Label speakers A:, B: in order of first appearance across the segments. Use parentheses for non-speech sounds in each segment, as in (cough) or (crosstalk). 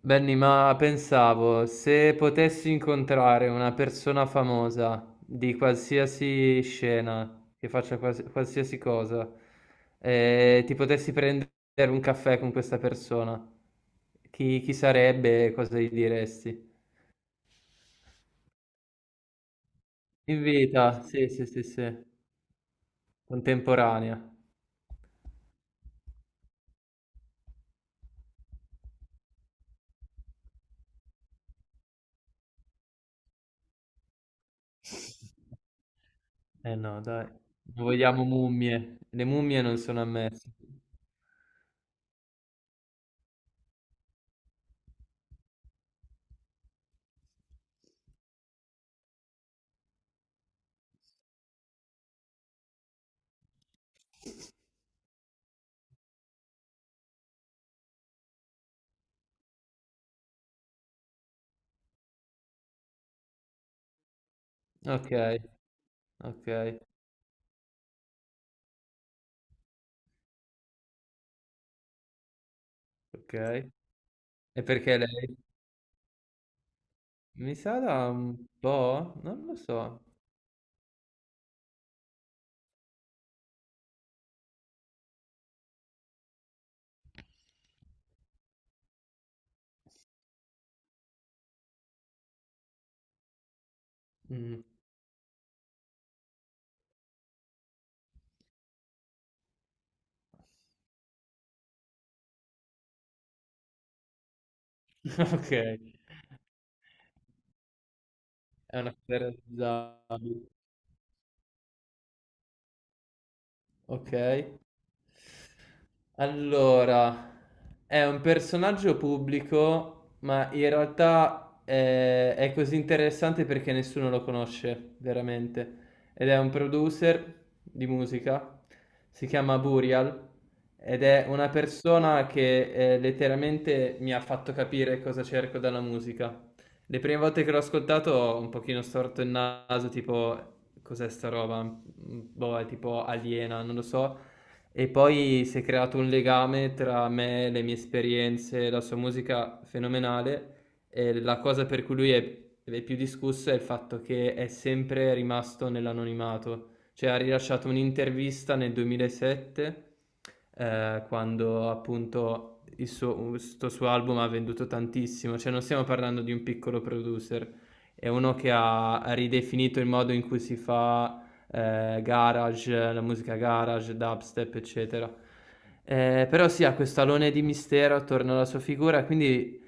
A: Benny, ma pensavo, se potessi incontrare una persona famosa di qualsiasi scena, che faccia qualsiasi cosa, e ti potessi prendere un caffè con questa persona, chi sarebbe e cosa gli diresti? In vita, sì, contemporanea. Eh no, dai, non vogliamo mummie, le mummie non sono ammesse. Ok, ok, ok. E perché lei? Mi sa da un po'? Non lo so. Mm. (laughs) Ok, è una cosa realizzabile. Ok. Allora, è un personaggio pubblico, ma in realtà è così interessante perché nessuno lo conosce veramente. Ed è un producer di musica, si chiama Burial, ed è una persona che letteralmente mi ha fatto capire cosa cerco dalla musica. Le prime volte che l'ho ascoltato ho un pochino storto il naso, tipo, cos'è sta roba? Boh, è tipo aliena, non lo so. E poi si è creato un legame tra me, le mie esperienze, la sua musica fenomenale. E la cosa per cui è più discusso è il fatto che è sempre rimasto nell'anonimato. Cioè ha rilasciato un'intervista nel 2007, quando appunto questo suo album ha venduto tantissimo. Cioè non stiamo parlando di un piccolo producer, è uno che ha ridefinito il modo in cui si fa garage, la musica garage, dubstep, eccetera. Però sì, ha questo alone di mistero attorno alla sua figura, quindi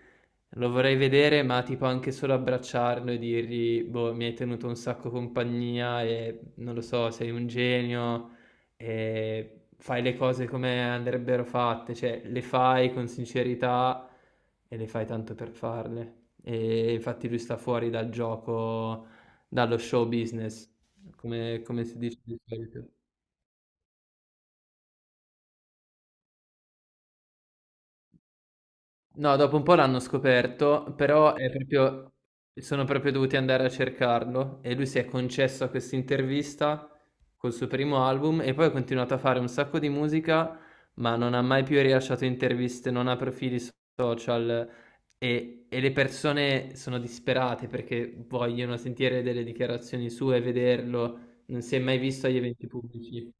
A: lo vorrei vedere, ma tipo anche solo abbracciarlo e dirgli, boh, mi hai tenuto un sacco compagnia e non lo so, sei un genio e fai le cose come andrebbero fatte, cioè le fai con sincerità e le fai tanto per farle. E infatti lui sta fuori dal gioco, dallo show business. Come si dice di solito. No, dopo un po' l'hanno scoperto, però è proprio sono proprio dovuti andare a cercarlo e lui si è concesso a questa intervista col suo primo album e poi ha continuato a fare un sacco di musica, ma non ha mai più rilasciato interviste, non ha profili social e le persone sono disperate perché vogliono sentire delle dichiarazioni sue, vederlo, non si è mai visto agli eventi pubblici.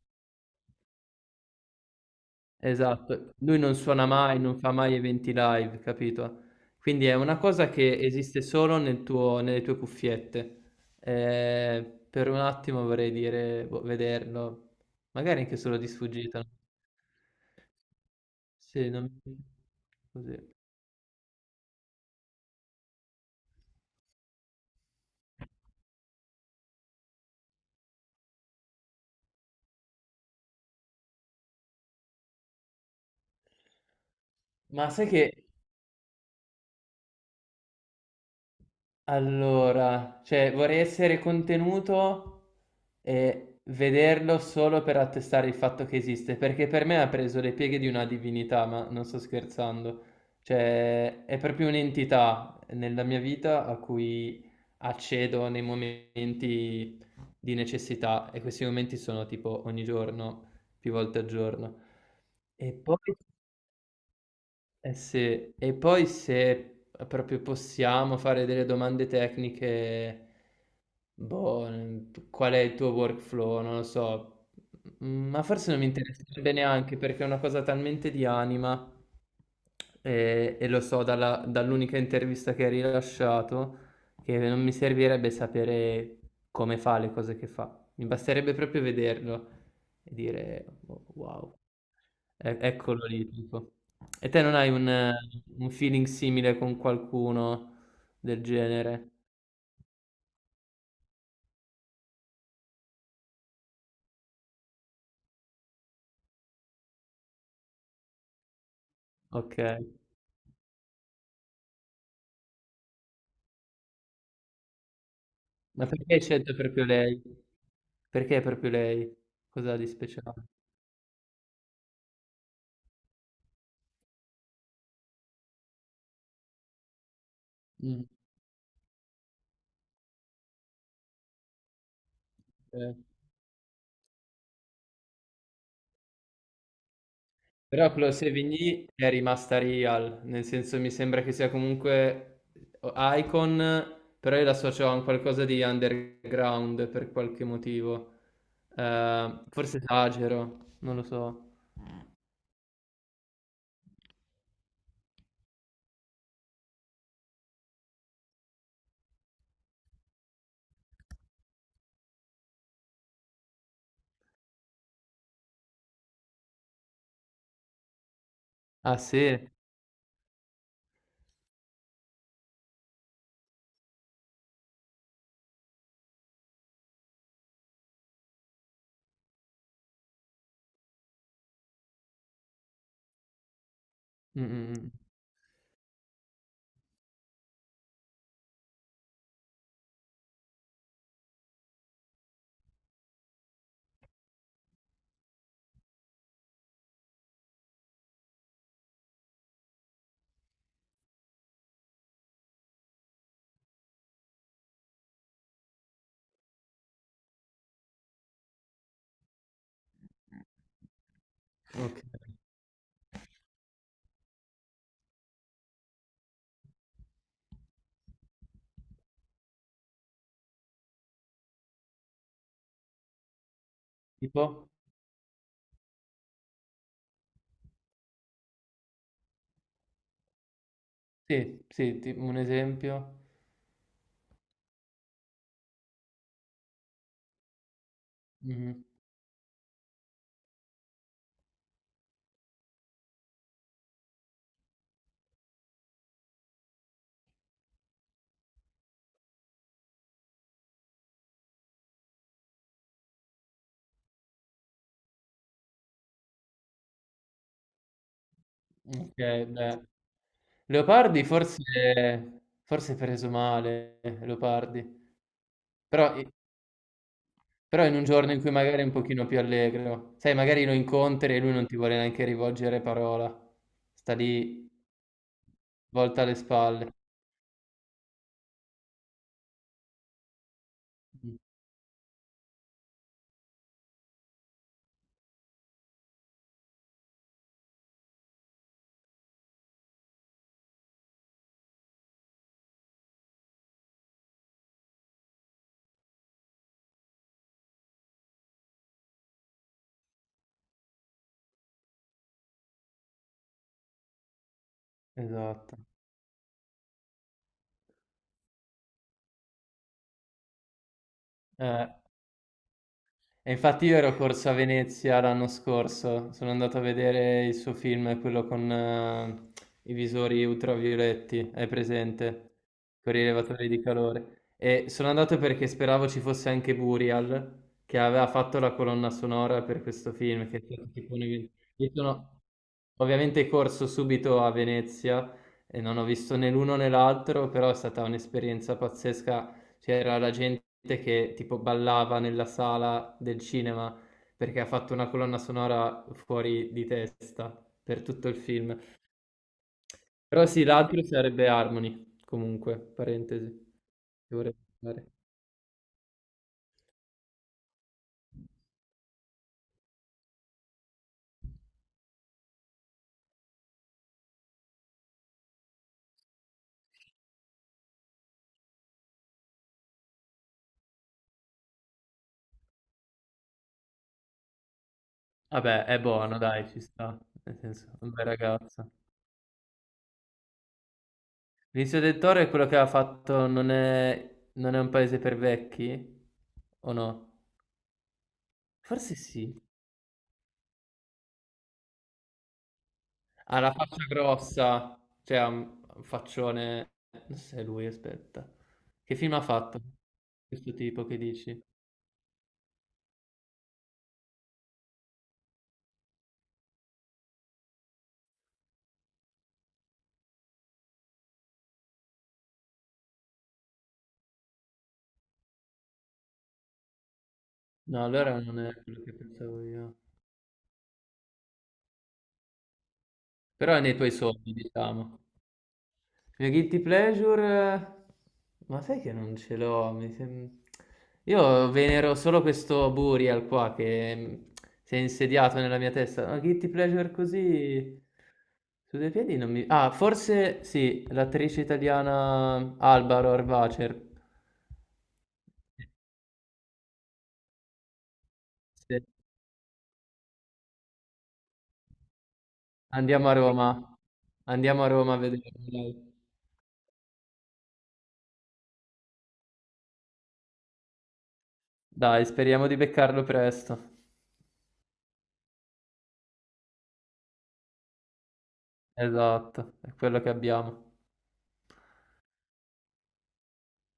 A: Esatto. Lui non suona mai, non fa mai eventi live, capito? Quindi è una cosa che esiste solo nelle tue cuffiette. Per un attimo vorrei dire, boh, vederlo. Magari anche solo di sfuggita. No? Sì, non così. Ma sai che Allora, cioè vorrei essere contenuto e vederlo solo per attestare il fatto che esiste, perché per me ha preso le pieghe di una divinità, ma non sto scherzando. Cioè, è proprio un'entità nella mia vita a cui accedo nei momenti di necessità e questi momenti sono tipo ogni giorno, più volte al giorno. E poi eh sì, e poi se proprio possiamo fare delle domande tecniche, boh, qual è il tuo workflow? Non lo so, ma forse non mi interesserebbe neanche perché è una cosa talmente di anima e lo so dall'unica intervista che hai rilasciato che non mi servirebbe sapere come fa le cose che fa, mi basterebbe proprio vederlo e dire "Oh, wow. E eccolo lì, tipo. E te non hai un feeling simile con qualcuno del genere? Okay. Ma perché hai scelto proprio lei? Perché proprio lei? Cos'ha di speciale? Mh, okay. Però Clos et Vigny è rimasta real, nel senso mi sembra che sia comunque o Icon, però io l'associo a un qualcosa di underground per qualche motivo. Forse esagero, non lo so. Ah sì? Mh, mh, mh. Okay, tipo? Sì, ti un esempio. Mh-mh. Okay, beh. Leopardi forse è preso male, Leopardi, però i però in un giorno in cui magari è un pochino più allegro. Sai, magari lo incontri e lui non ti vuole neanche rivolgere parola. Sta lì volta alle spalle. Mh, esatto. Eh. E infatti io ero corso a Venezia l'anno scorso, sono andato a vedere il suo film, quello con i visori ultravioletti, hai presente? Con i rilevatori di calore. E sono andato perché speravo ci fosse anche Burial, che aveva fatto la colonna sonora per questo film, che è stato tipo un evento- Io sono ovviamente corso subito a Venezia e non ho visto né l'uno né l'altro, però è stata un'esperienza pazzesca c'era la gente che tipo ballava nella sala del cinema perché ha fatto una colonna sonora fuori di testa per tutto il film. Però sì, l'altro sarebbe Harmony, comunque, parentesi, che vorrei fare. Vabbè, è buono, dai, ci sta. Nel senso, è un bel ragazzo. Vizio del Toro è quello che ha fatto non è un paese per vecchi? O no? Forse sì. Ha la faccia grossa, cioè ha un faccione. Non so se è lui, aspetta. Che film ha fatto questo tipo che dici? No, allora non è quello che pensavo io. Però è nei tuoi sogni, diciamo. Il mio guilty pleasure? Ma sai che non ce l'ho? Io venero solo questo Burial qua che si è insediato nella mia testa. Ma guilty pleasure così su due piedi non mi... Ah, forse sì, l'attrice italiana Alba Rohrwacher. Sì. Andiamo a Roma. Andiamo a Roma a vederlo. Dai, speriamo di beccarlo presto. Esatto, è quello che abbiamo.